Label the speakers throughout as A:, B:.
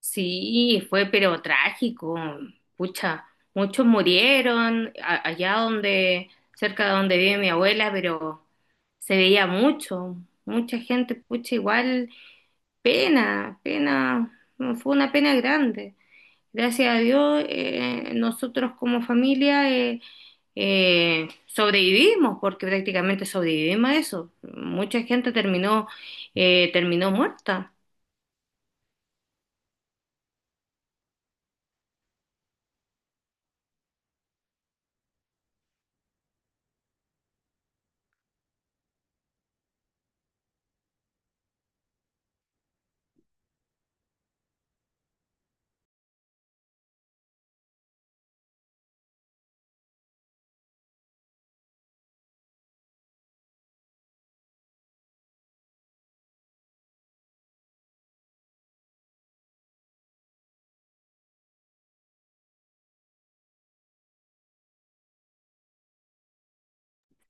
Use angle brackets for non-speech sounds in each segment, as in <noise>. A: Sí, fue pero trágico, pucha, muchos murieron allá donde, cerca de donde vive mi abuela, pero se veía mucho, mucha gente, pucha, igual, pena, pena, no, fue una pena grande. Gracias a Dios, nosotros como familia sobrevivimos, porque prácticamente sobrevivimos a eso. Mucha gente terminó muerta.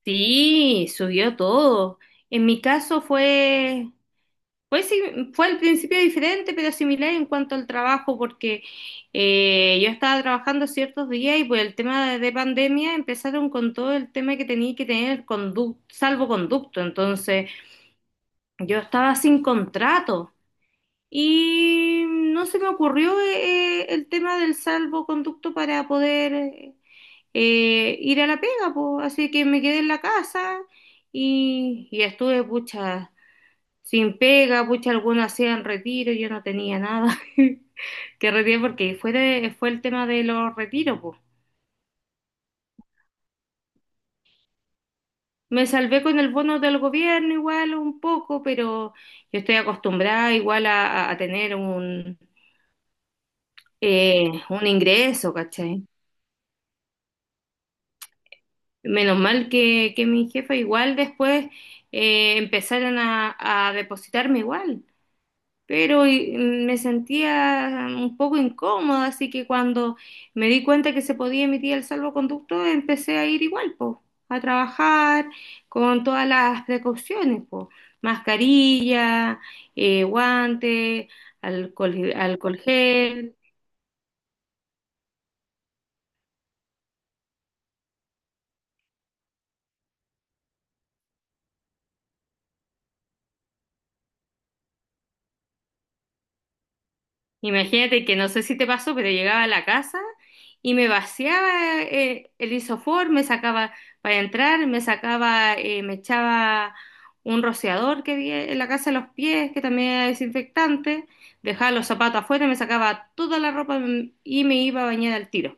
A: Sí, subió todo. En mi caso fue, pues sí, fue al principio diferente, pero similar en cuanto al trabajo, porque yo estaba trabajando ciertos días y por el tema de pandemia empezaron con todo el tema que tenía que tener salvoconducto. Entonces, yo estaba sin contrato y no se me ocurrió el tema del salvoconducto para poder ir a la pega, pues. Así que me quedé en la casa y estuve, pucha, sin pega, pucha, algunos hacían retiro, yo no tenía nada <laughs> que retirar porque fue el tema de los retiros, pues. Me salvé con el bono del gobierno igual un poco, pero yo estoy acostumbrada igual a tener un ingreso, ¿cachai? Menos mal que mi jefa igual después empezaron a depositarme igual. Pero me sentía un poco incómoda, así que cuando me di cuenta que se podía emitir el salvoconducto, empecé a ir igual, po, a trabajar con todas las precauciones, po, mascarilla, guante, alcohol, alcohol gel. Imagínate que no sé si te pasó, pero llegaba a la casa y me vaciaba el isofor, me sacaba para entrar, me sacaba, me echaba un rociador que había en la casa de los pies, que también era desinfectante, dejaba los zapatos afuera, me sacaba toda la ropa y me iba a bañar al tiro.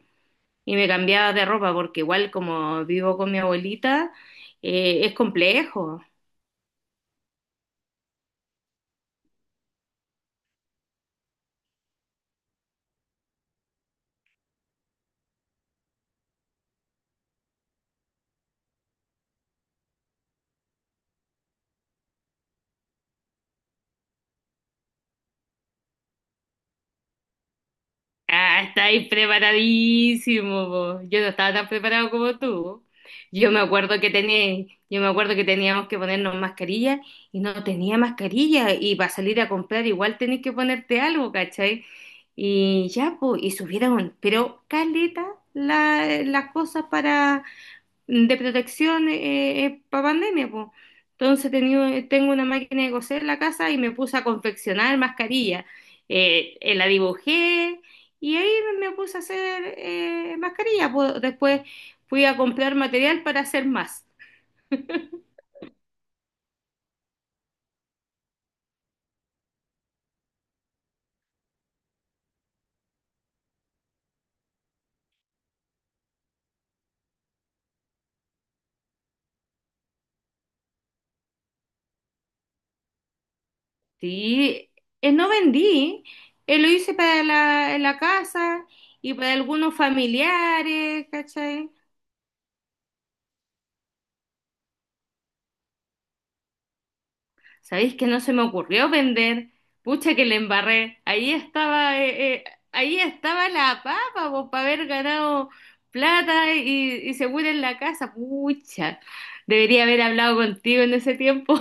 A: Y me cambiaba de ropa porque igual como vivo con mi abuelita, es complejo. Ah, estáis preparadísimo, po. Yo no estaba tan preparado como tú. Yo me acuerdo que yo me acuerdo que teníamos que ponernos mascarilla y no tenía mascarilla y para salir a comprar igual tenés que ponerte algo, ¿cachai? Y ya, pues, y subieron, pero caleta las cosas de protección pa pandemia, pues. Entonces tengo una máquina de coser en la casa y me puse a confeccionar mascarillas. La dibujé y ahí me puse a hacer mascarillas, po. Después fui a comprar material para hacer más. Sí, no vendí, lo hice para en la casa y para algunos familiares, ¿cachai? ¿Sabéis que no se me ocurrió vender? Pucha que le embarré. Ahí estaba la papa, po, para haber ganado plata y seguro en la casa. Pucha, debería haber hablado contigo en ese tiempo.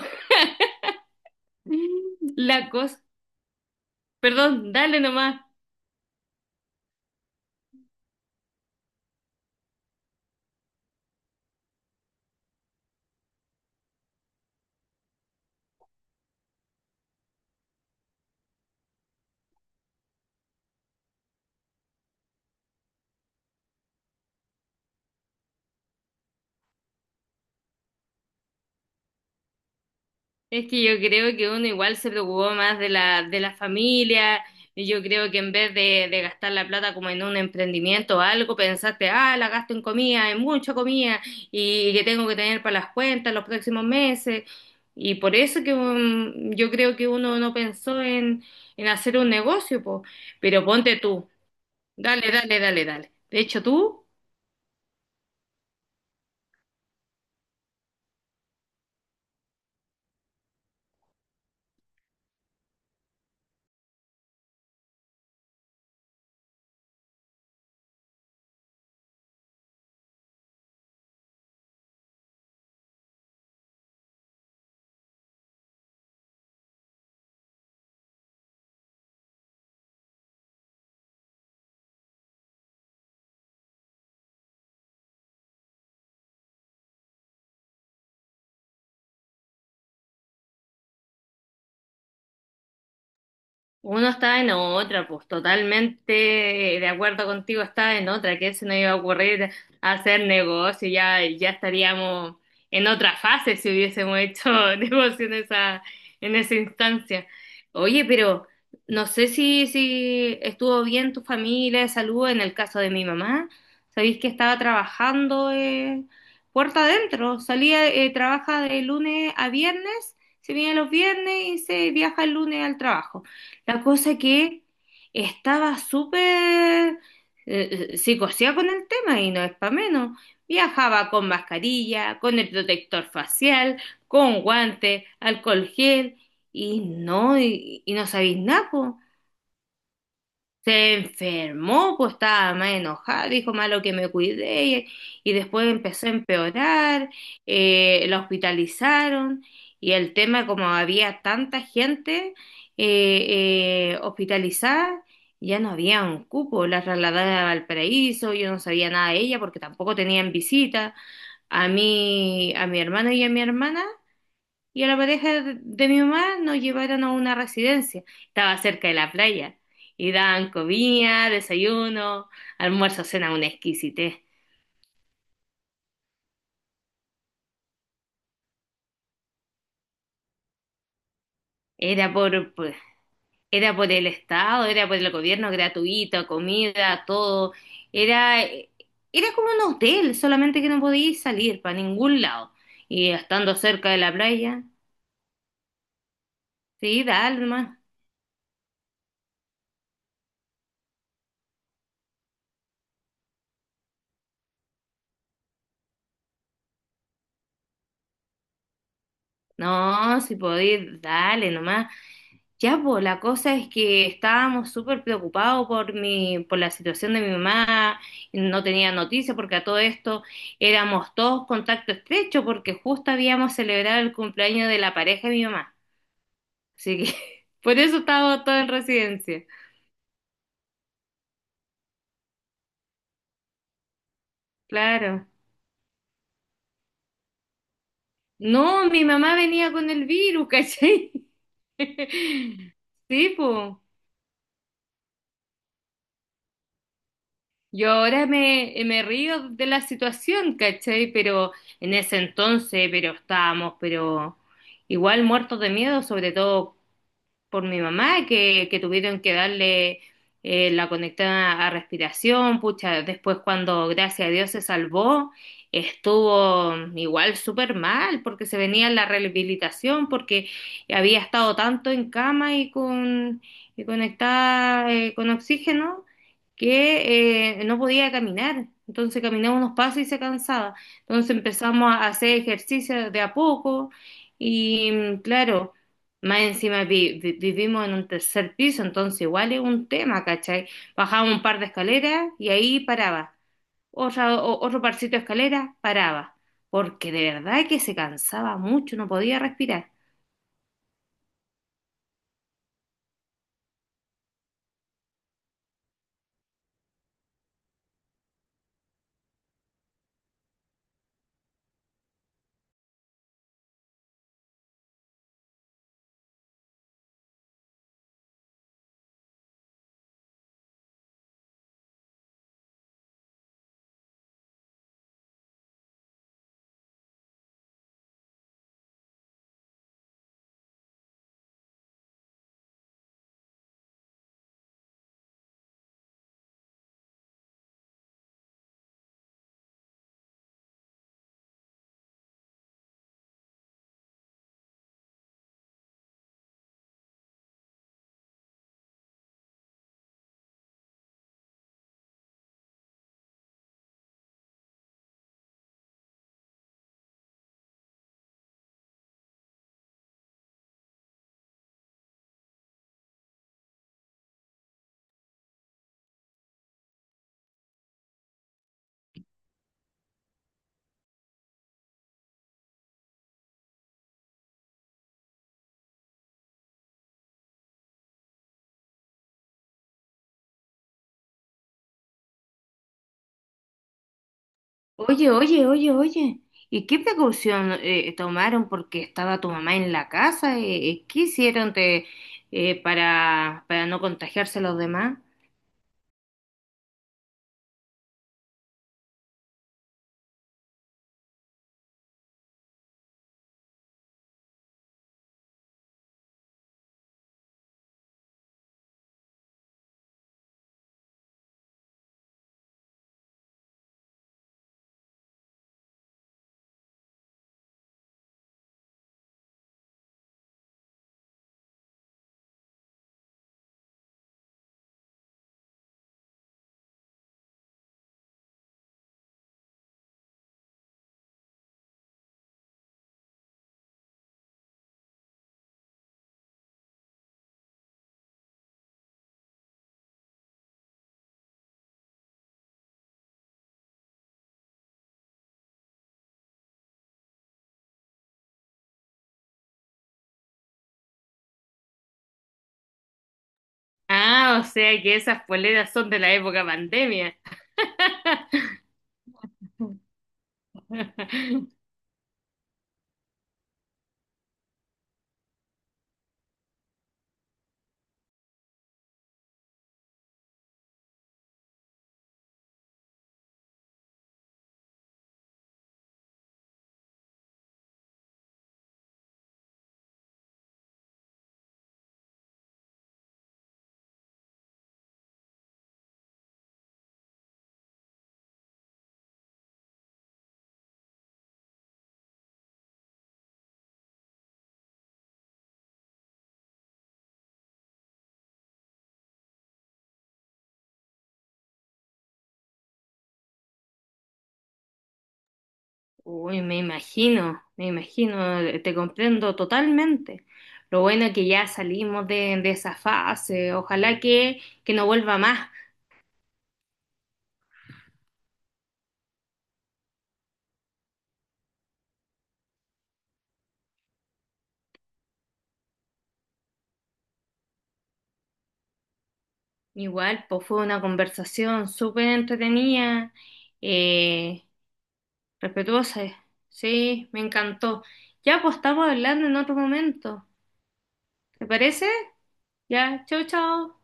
A: <laughs> La cosa, perdón, dale nomás. Es que yo creo que uno igual se preocupó más de de la familia, y yo creo que en vez de gastar la plata como en un emprendimiento o algo, pensaste, ah, la gasto en comida, en mucha comida, y, que tengo que tener para las cuentas los próximos meses. Y por eso que yo creo que uno no pensó en hacer un negocio, po. Pero ponte tú, dale, dale, dale, dale. De hecho, tú. Uno está en otra, pues totalmente de acuerdo contigo, está en otra, que se nos iba a ocurrir hacer negocio, ya, ya estaríamos en otra fase si hubiésemos hecho <laughs> negocio en esa instancia. Oye, pero no sé si, si estuvo bien tu familia de salud en el caso de mi mamá. Sabéis que estaba trabajando puerta adentro, salía, trabaja de lunes a viernes, se viene los viernes y se viaja el lunes al trabajo. La cosa que estaba súper psicoseada con el tema y no es para menos. Viajaba con mascarilla, con el protector facial, con guantes, alcohol gel y no sabéis nada, po. Se enfermó, pues estaba más enojada, dijo malo que me cuidé y después empezó a empeorar, la hospitalizaron y el tema como había tanta gente hospitalizada, ya no había un cupo, la trasladaron a Valparaíso, yo no sabía nada de ella porque tampoco tenían visita, a mí, a mi hermano y a mi hermana y a la pareja de mi mamá nos llevaron a una residencia. Estaba cerca de la playa y daban comida, desayuno, almuerzo, cena, una exquisitez. Era era por el Estado, era por el gobierno, gratuito, comida, todo. Era, era como un hotel, solamente que no podías salir para ningún lado. Y estando cerca de la playa, sí, dale nomás. No, si podéis, dale nomás. Ya, pues la cosa es que estábamos súper preocupados por mi, por la situación de mi mamá, no tenía noticia porque a todo esto éramos todos contacto estrecho porque justo habíamos celebrado el cumpleaños de la pareja de mi mamá. Así que <laughs> por eso estábamos todos en residencia. Claro. No, mi mamá venía con el virus, ¿cachai? <laughs> Sí, pues. Yo ahora me río de la situación, ¿cachai? Pero en ese entonces, pero estábamos, pero igual muertos de miedo, sobre todo por mi mamá, que tuvieron que darle la conectada a respiración, pucha, después cuando gracias a Dios se salvó, estuvo igual súper mal, porque se venía la rehabilitación, porque había estado tanto en cama y conectada con oxígeno que no podía caminar. Entonces caminaba unos pasos y se cansaba. Entonces empezamos a hacer ejercicio de a poco y claro. Más encima vivimos en un tercer piso, entonces igual es un tema, ¿cachai? Bajaba un par de escaleras y ahí paraba. Otro parcito de escaleras, paraba. Porque de verdad que se cansaba mucho, no podía respirar. Oye, oye, oye, oye. ¿Y qué precaución tomaron porque estaba tu mamá en la casa? ¿Qué hicieron para no contagiarse a los demás? Ah, o sea que esas poleras son de la época pandemia. <laughs> Uy, me imagino, te comprendo totalmente. Lo bueno es que ya salimos de esa fase, ojalá que no vuelva más. Igual, pues fue una conversación súper entretenida, eh, respetuosa, sí, me encantó. Ya, pues estamos hablando en otro momento, ¿te parece? Ya, chau, chau.